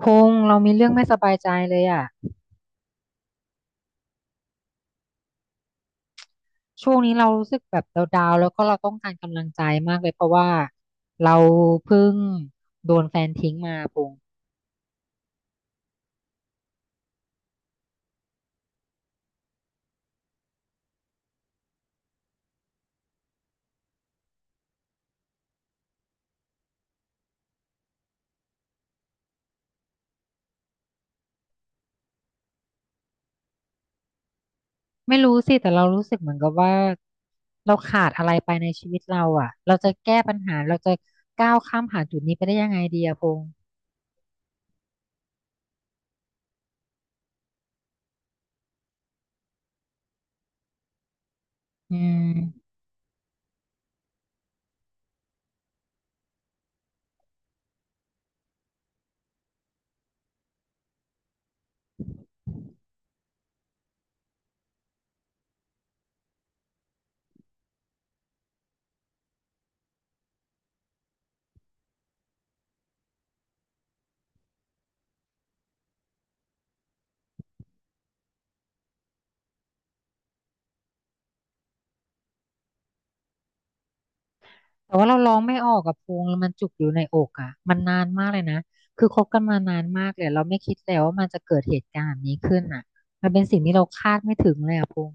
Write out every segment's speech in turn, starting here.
พงษ์เรามีเรื่องไม่สบายใจเลยอ่ะช่วงนี้เรารู้สึกแบบดาวๆแล้วก็เราต้องการกำลังใจมากเลยเพราะว่าเราเพิ่งโดนแฟนทิ้งมาพงษ์ไม่รู้สิแต่เรารู้สึกเหมือนกับว่าเราขาดอะไรไปในชีวิตเราอ่ะเราจะแก้ปัญหาเราจะก้าวข้ามผ่านจุดนี้ไปได้ยังไงดีอะพงษ์อืม แต่ว่าเราร้องไม่ออกกับพงแล้วมันจุกอยู่ในอกอ่ะมันนานมากเลยนะคือคบกันมานานมากเลยเราไม่คิดเลยว่ามันจะเกิดเหตุการณ์แบบนี้ขึ้นอ่ะมันเป็นสิ่งที่เราคาดไม่ถึงเลยอ่ะพง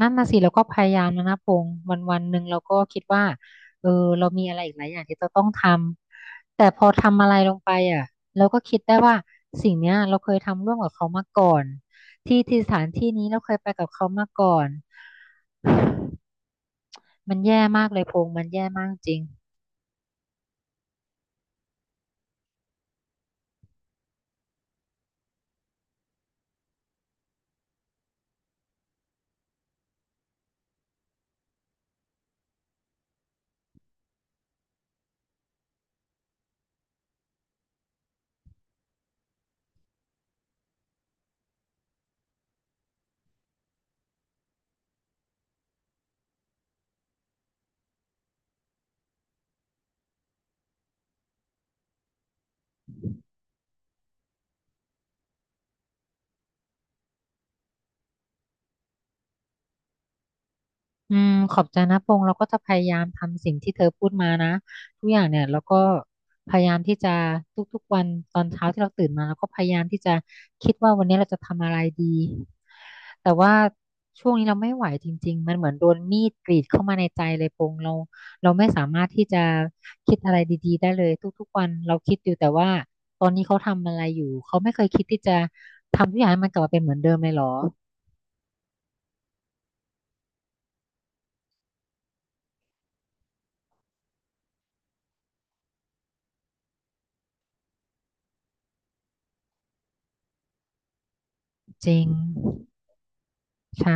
นั่นนะสิเราก็พยายามแล้วนะพงวันหนึ่งเราก็คิดว่าเออเรามีอะไรอีกหลายอย่างที่เราต้องทำแต่พอทำอะไรลงไปอ่ะเราก็คิดได้ว่าสิ่งเนี้ยเราเคยทำร่วมกับเขามาก่อนที่สถานที่นี้เราเคยไปกับเขามาก่อนมันแย่มากเลยพงมันแย่มากจริง อืมขอบใจนะพงษ์เราก็จะพยายามทำสิ่งที่เธอพูดมานะทุกอย่างเนี่ยเราก็พยายามที่จะทุกๆวันตอนเช้าที่เราตื่นมาเราก็พยายามที่จะคิดว่าวันนี้เราจะทำอะไรดีแต่ว่าช่วงนี้เราไม่ไหวจริงๆมันเหมือนโดนมีดกรีดเข้ามาในใจเลยพงษ์เราเราไม่สามารถที่จะคิดอะไรดีๆได้เลยทุกๆวันเราคิดอยู่แต่ว่าตอนนี้เขาทำอะไรอยู่เขาไม่เคยคิดที่จะทำทุกอย่างให้มันกลับมาเป็นเหมือนเดิมเลยเหรอจริงใช่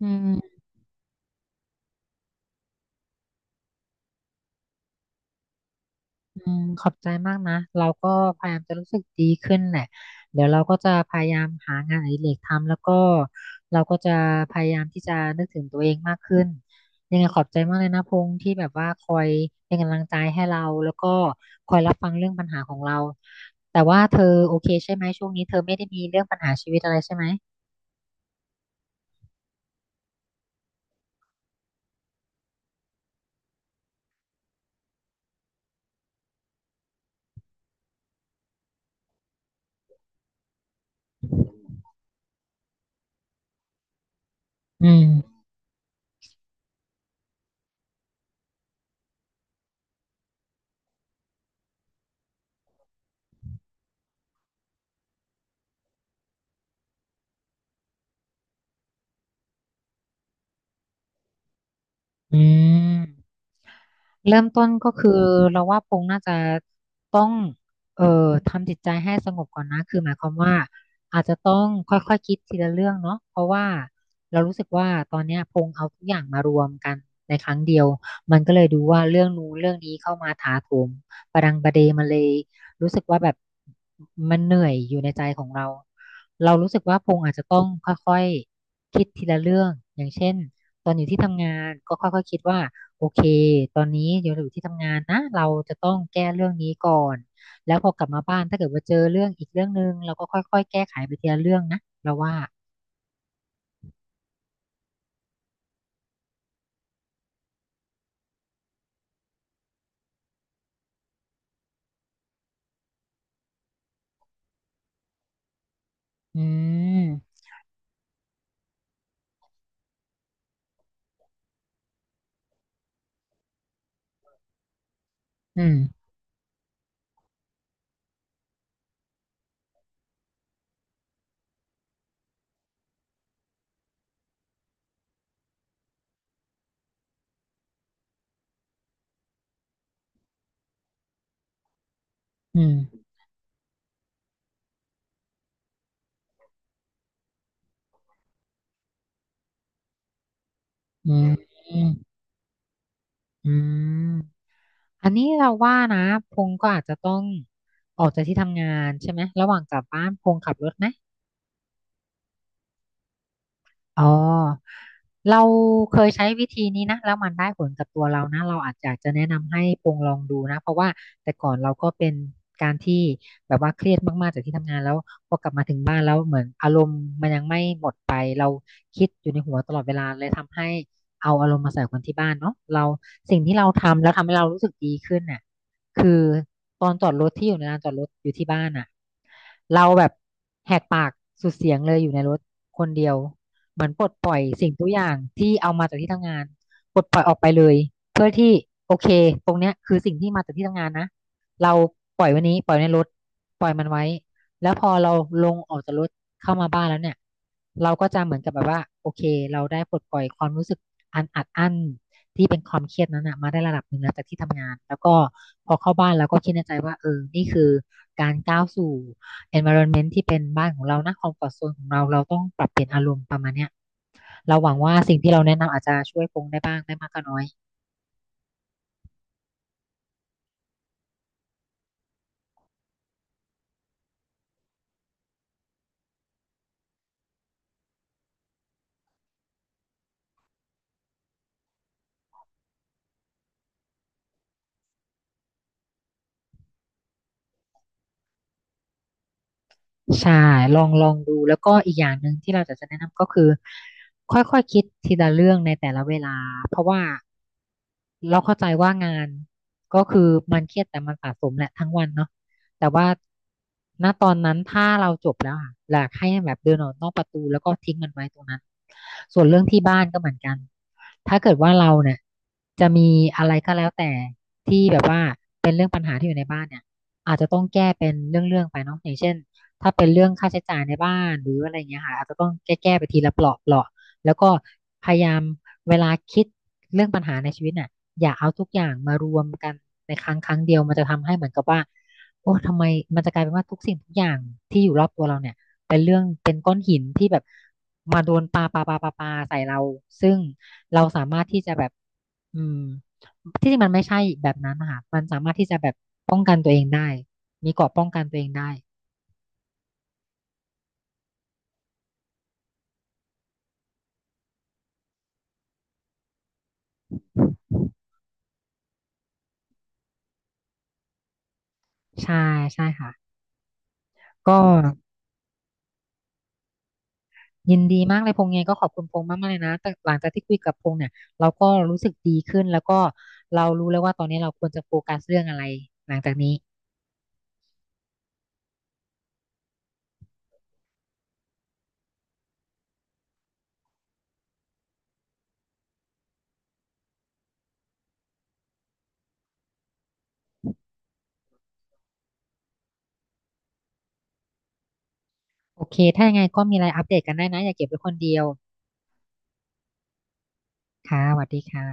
อืม อืมขอบใจมากนะเราก็พยายามจะรู้สึกดีขึ้นแหละเดี๋ยวเราก็จะพยายามหางานอดิเรกทำแล้วก็เราก็จะพยายามที่จะนึกถึงตัวเองมากขึ้นยังไงขอบใจมากเลยนะพงษ์ที่แบบว่าคอยเป็นกำลังใจให้เราแล้วก็คอยรับฟังเรื่องปัญหาของเราแต่ว่าเธอโอเคเรื่องปัญหาชีวิตอะไรใช่ไหมอืมอืม เริ่มต้นก็คือเราว่าปงน่าจะต้องเอ่อทำจิตใจให้สงบก่อนนะคือหมายความว่าอาจจะต้องค่อยๆคคิดทีละเรื่องเนาะเพราะว่าเรารู้สึกว่าตอนเนี้ยพงเอาทุกอย่างมารวมกันในครั้งเดียวมันก็เลยดูว่าเรื่องนู้นเรื่องนี้เข้ามาถาโถมประดังประเดมาเลยรู้สึกว่าแบบมันเหนื่อยอยู่ในใจของเราเรารู้สึกว่าพงอาจจะต้องค่อยๆคิดทีละเรื่องอย่างเช่นตอนอยู่ที่ทำงานก็ค่อยๆคิดว่า โอเคตอนนี้เดี๋ยวเราอยู่ที่ทำงานนะ เราจะต้องแก้เรื่องนี้ก่อน แล้วพอกลับมาบ้านถ้าเกิดว่าเจอเรื่องอีกเรื่องหนึ่งเราก็ค่อยๆแก้ไขไปทีละเรื่องนะเราว่าอืมอืมอืมอืมอืมอันนี้เราว่านะพงก็อาจจะต้องออกจากที่ทำงานใช่ไหม ระหว่างกลับบ้านพงขับรถไหม อ๋อเราเคยใช้วิธีนี้นะแล้วมันได้ผลกับตัวเรานะเราอาจจะแนะนำให้ปรงลองดูนะเพราะว่าแต่ก่อนเราก็เป็นการที่แบบว่าเครียดมากๆจากที่ทำงานแล้วพอกลับมาถึงบ้านแล้วเหมือนอารมณ์มันยังไม่หมดไปเราคิดอยู่ในหัวตลอดเวลาเลยทำให้เอาอารมณ์มาใส่คนที่บ้านเนาะเราสิ่งที่เราทำแล้วทำให้เรารู้สึกดีขึ้นน่ะคือตอนจอดรถที่อยู่ในลานจอดรถอยู่ที่บ้านน่ะเราแบบแหกปากสุดเสียงเลยอยู่ในรถคนเดียว เหมือนปลดปล่อยสิ่งทุกอย่างที่เอามาจากที่ทำงานปลดปล่อยออกไปเลยเพื่อที่โอเคตรงเนี้ยคือสิ่งที่มาจากที่ทำงานนะเราปล่อยไวันนี้ปล่อยวในรถปล่อยมันไว้แล้วพอเราลงออกจากรถเข้ามาบ้านแล้วเนี่ยเราก็จะเหมือนกับแบบว่าโอเคเราได้ปลดปล่อยความรู้สึกอันอัดอั้นที่เป็นความเครียดนั้นนะมาได้ระดับหนึ่งแล้วจากที่ทำงานแล้วก็พอเข้าบ้านแล้วก็คิดในใจว่าเออนี่คือการก้าวสู่ environment ที่เป็นบ้านของเรานะคอม f อร์ z o n นของเราเราต้องปรับเปลี่ยนอารมณ์ประมาณเนี้ยเราหวังว่าสิ่งที่เราแนะนำอาจจะช่วยพงได้บ้างไม่มากก็น้อย ใช่ลองดูแล้วก็อีกอย่างหนึ่งที่เราจะแนะนำก็คือค่อยๆคคิดทีละเรื่องในแต่ละเวลาเพราะว่าเราเข้าใจว่างานก็คือมันเครียดแต่มันสะสมแหละทั้งวันเนาะแต่ว่าณตอนนั้นถ้าเราจบแล้วอะอยากให้แบบเดินออกนอกประตูแล้วก็ทิ้งมันไว้ตรงนั้นส่วนเรื่องที่บ้านก็เหมือนกันถ้าเกิดว่าเราเนี่ยจะมีอะไรก็แล้วแต่ที่แบบว่าเป็นเรื่องปัญหาที่อยู่ในบ้านเนี่ยอาจจะต้องแก้เป็นเรื่องๆไปเนาะอย่างเช่น ถ้าเป็นเรื่องค่าใช้จ่ายในบ้านหรืออะไรเงี้ยค่ะอาจจะต้องแก้ๆไปทีละเปลาะแล้วก็พยายามเวลาคิดเรื่องปัญหาในชีวิตน่ะอย่าเอาทุกอย่างมารวมกันในครั้งเดียวมันจะทำให้เหมือนกับว่าโอ้ทำไมมันจะกลายเป็นว่าทุกสิ่งทุกอย่างที่อยู่รอบตัวเราเนี่ยเป็นเรื่องเป็นก้อนหินที่แบบมาโดนปาปาปาปาปาใส่เราซึ่งเราสามารถที่จะแบบอืมที่จริงมันไม่ใช่แบบนั้นนะคะมันสามารถที่จะแบบป้องกันตัวเองได้มีเกราะได้ใช่ใช่ค่ะ ก็ยินดีมากเลยพงษ์ไงก็ขอบคุณพงษ์มากๆเลยนะแต่หลังจากที่คุยกับพงษ์เนี่ยเราก็รู้สึกดีขึ้นแล้วก็เรารู้แล้วว่าตอนนี้เราควรจะโฟกัสเรื่องอะไรหลังจากนี้โอเคถ้ายังไงก็มีอะไรอัปเดตกันได้นะอย่าเก็บไว้คนเดียวค่ะสวัสดีค่ะ